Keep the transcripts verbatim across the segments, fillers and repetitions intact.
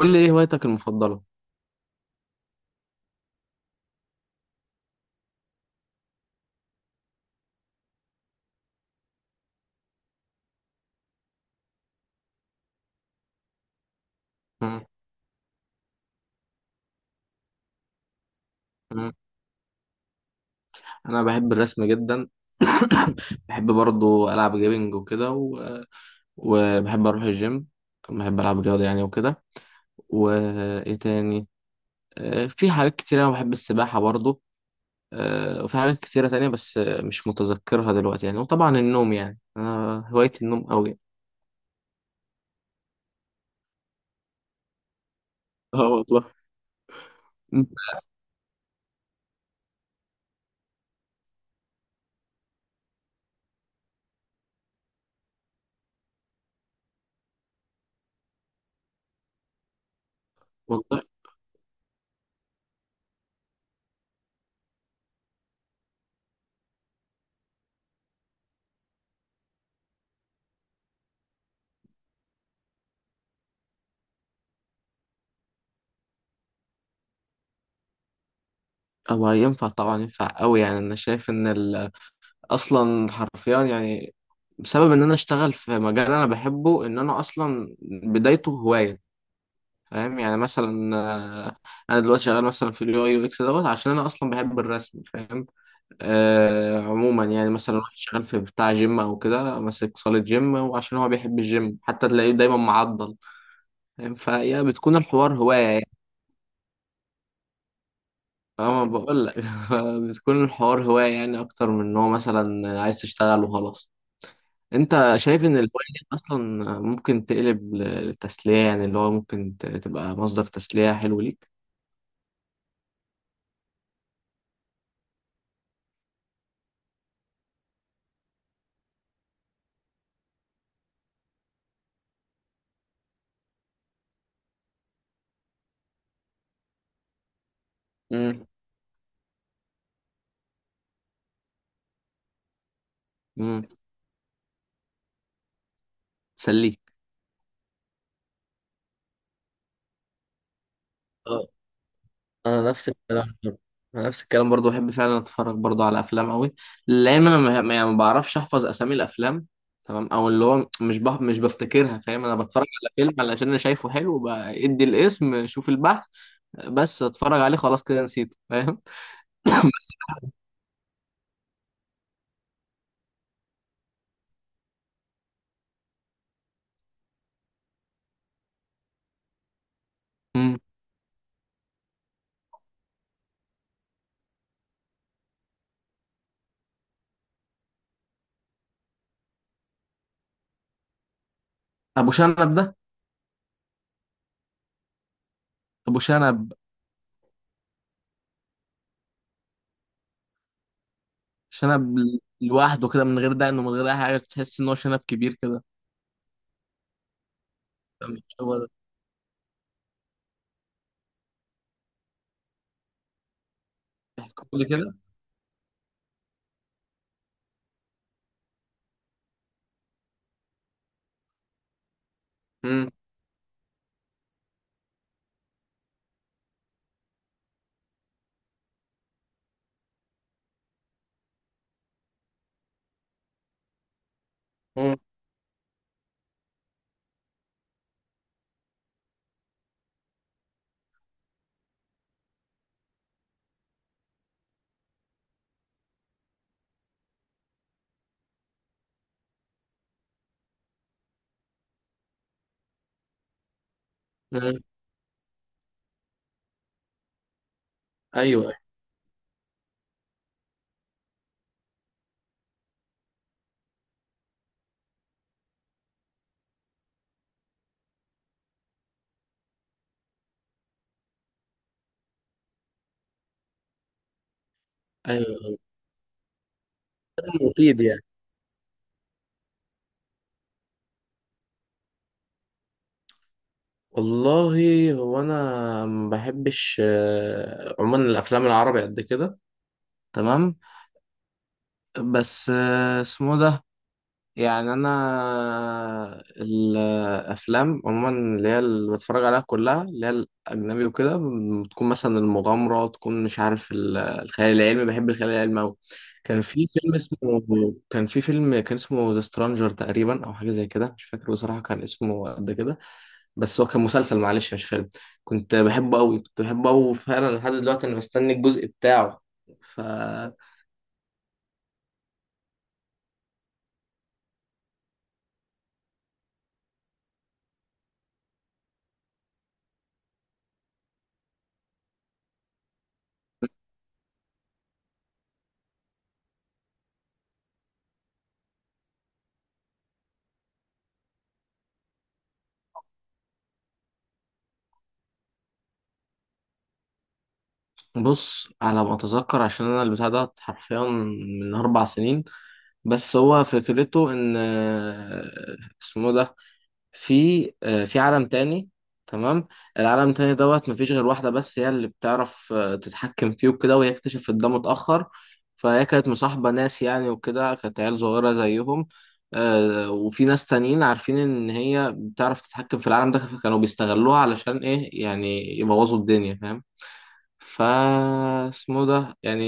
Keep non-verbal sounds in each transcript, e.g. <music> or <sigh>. قول لي ايه هوايتك المفضلة؟ مم. مم. انا بحب الرسم جدا. <coughs> بحب برضو العب جيمنج وكده و... وبحب اروح الجيم. بحب العب رياضة يعني وكده. وايه تاني. آه، في حاجات كتيرة انا بحب السباحة برضو. آه، وفي حاجات كتيرة تانية بس آه، مش متذكرها دلوقتي يعني. وطبعا النوم يعني انا هوايتي النوم قوي. اه والله. انت- والله هو ينفع طبعا ينفع قوي يعني انا شايف ان ال... اصلا حرفيا يعني بسبب ان انا اشتغل في مجال انا بحبه ان انا اصلا بدايته هوايه. فاهم يعني مثلا آه، انا دلوقتي شغال مثلا في اليو اي يو اكس دوت عشان انا اصلا بحب الرسم فاهم. آه عموما يعني مثلا واحد شغال في بتاع جيم او كده ماسك صاله جيم وعشان هو بيحب الجيم حتى تلاقيه دايما معضل. فاهم فهي بتكون الحوار هوايه يعني. فاهم أنا بقول لك. <laughs> بتكون الحوار هوايه يعني اكتر من ان هو مثلا عايز تشتغل وخلاص. انت شايف ان الهواية دي اصلا ممكن تقلب للتسلية يعني اللي هو ممكن ت- تبقى مصدر تسلية حلو ليك. امم. امم. تسليك. اه. انا نفس الكلام برضه. انا نفس الكلام برضو بحب فعلا اتفرج برضو على افلام قوي. لان انا ما ما- يعني ما بعرفش احفظ اسامي الافلام. تمام. او اللي هو مش بح... مش بفتكرها. فاهم انا بتفرج على فيلم علشان انا شايفه حلو بدي الاسم شوف البحث. بس اتفرج عليه خلاص كده نسيته فاهم. <laughs> بس. مم. ابو شنب ده. ابو شنب. شنب لوحده كده من غير دقن ومن غير اي حاجه تحس ان هو شنب كبير كده. مش هو ده. بيحكوا لي كده. امم. امم. أمم. ايوه، ايوه، مفيد يعني. والله هو انا ما بحبش آه، عموما الافلام العربي قد كده. تمام. بس آه، اسمه ده يعني انا الافلام عموما اللي هي اللي بتفرج عليها كلها اللي هي الاجنبي وكده. بتكون مثلا المغامره تكون مش عارف ال- الخيال العلمي. بحب الخيال العلمي قوي. كان في فيلم اسمه. كان في فيلم كان اسمه ذا سترانجر تقريبا او حاجه زي كده مش فاكر بصراحه كان اسمه قد كده. بس هو كان مسلسل معلش مش فيلم. كنت بحبه قوي كنت بحبه قوي فعلا لحد دلوقتي انا بستني الجزء بتاعه. بص على ما اتذكر عشان انا البتاع ده حرفيا من اربع سنين. بس هو فكرته ان آه، اسمه ده. في آه، في عالم تاني. تمام. العالم التاني دوت مفيش غير واحدة بس هي اللي بتعرف آه، تتحكم فيه وكده، وهي اكتشفت ده متأخر. فهي كانت مصاحبة ناس يعني وكده، كانت عيال صغيرة زيهم. آه، وفي ناس تانيين عارفين ان هي بتعرف تتحكم في العالم ده، فكانوا بيستغلوها علشان ايه يعني يبوظوا الدنيا. فاهم. فا اسمه ده يعني.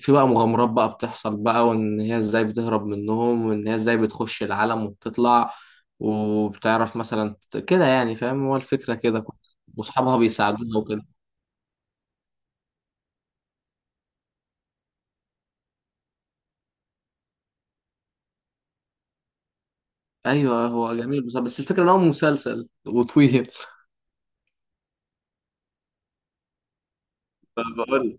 في بقى مغامرات بقى بتحصل بقى، وان هي ازاي بتهرب منهم، وان هي ازاي بتخش العالم وبتطلع وبتعرف مثلا ت- كده يعني. فاهم، هو الفكرة كده. واصحابها بيساعدوها وكده. ايوه، هو جميل بصراحة بس الفكرة ان هو مسلسل وطويل. <laughs> بقول.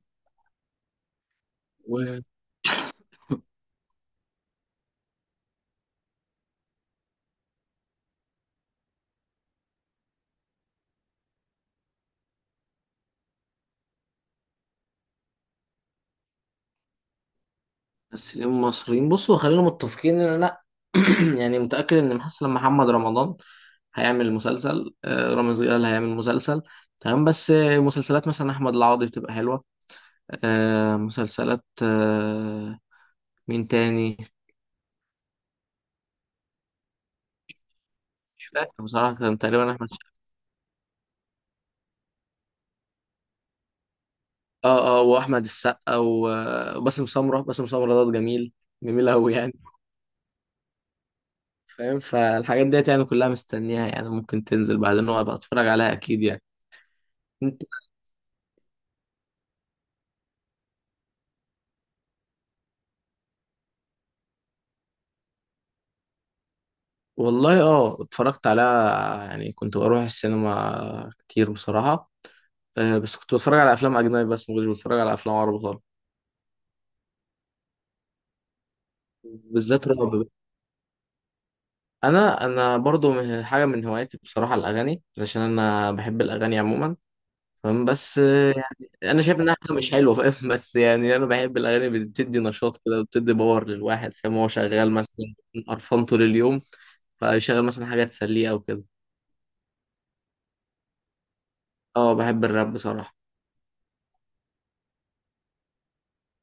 ممثلين مصريين بصوا خلينا متفقين ان انا <clears throat> يعني متأكد ان مثلا محمد رمضان هيعمل مسلسل. آه، رامز جلال هيعمل مسلسل. تمام. بس آه، مسلسلات مثلا احمد العوضي بتبقى حلوة. آه، مسلسلات آه، مين تاني. مش فاكر بصراحة، كان تقريبا احمد ش- اه، اه. واحمد السقا و- وباسم سمرة. باسم سمرة ده جميل. جميل قوي يعني. فاهم، فالحاجات ديت يعني كلها مستنيها. يعني ممكن تنزل بعدين وابقى اتفرج عليها اكيد. يعني والله اه اتفرجت على. يعني كنت بروح السينما كتير بصراحة. آه، بس كنت بتفرج على افلام اجنبي بس ما كنتش بتفرج على افلام عربي خالص. بالذات رعب. انا انا برضو من حاجة، من هواياتي بصراحة، الاغاني، علشان انا بحب الاغاني عموما. فاهم، بس آه، يعني انا شايف انها حاجة مش حلوة فاهم. <laughs> بس يعني انا بحب الاغاني، بتدي نشاط كده، بتدي باور للواحد. فاهم هو شغال مثلا قرفان طول اليوم فيشغل مثلا حاجة تسليه او كده. اه، بحب الراب بصراحة.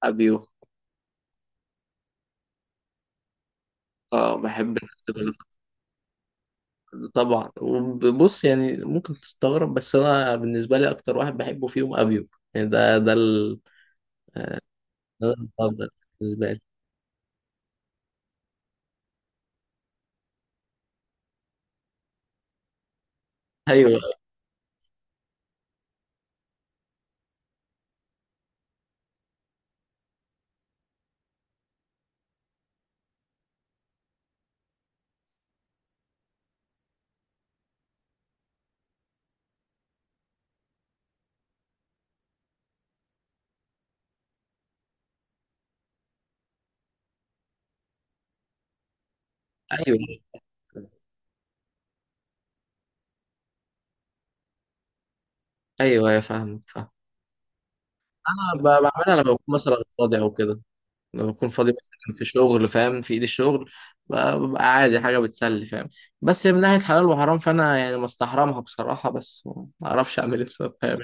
ابيو. اه، بحب الناس دول. طبعا، وبص يعني ممكن تستغرب بس انا بالنسبه لي اكتر واحد بحبه فيهم ابيو. يعني ده ده ال- ده المفضل بالنسبه لي. ايوه. ايوه، ايوه، يا فاهمك فاهم. انا ب- بعملها لما بكون مثلا فاضي او كده. لما بكون فاضي مثلا في شغل فاهم، في ايدي الشغل ب- ببقى عادي حاجه بتسلي فاهم. بس من ناحيه حلال وحرام فانا يعني مستحرمها بصراحه، بس ما اعرفش اعمل ايه بصراحه يعني.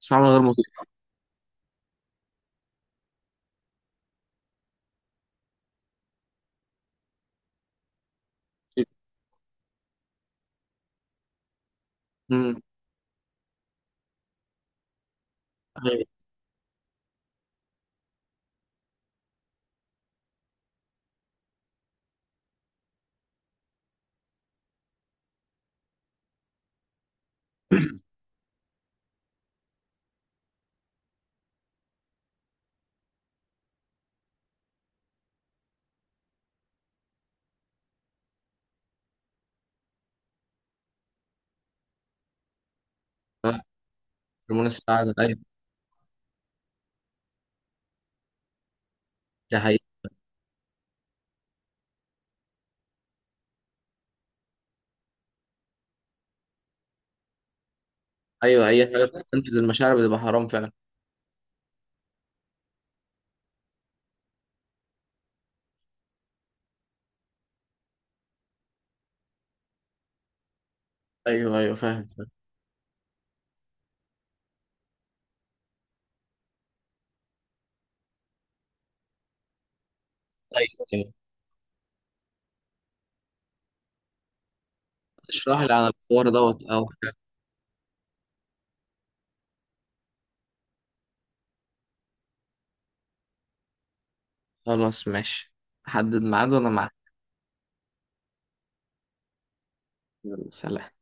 بسمعها من غير موسيقى. أمم، ايوه. هرمون السعاده، ايوه. ده حقيقي. ايوه، اي حاجه بتستنفذ المشاعر بتبقى حرام فعلا. ايوه، ايوه، فاهم، فاهم. طيب، طيب. اشرح لي عن الحوار دوت او حاجة. خلاص ماشي. حدد ميعاد وانا معاك. يلا، سلام.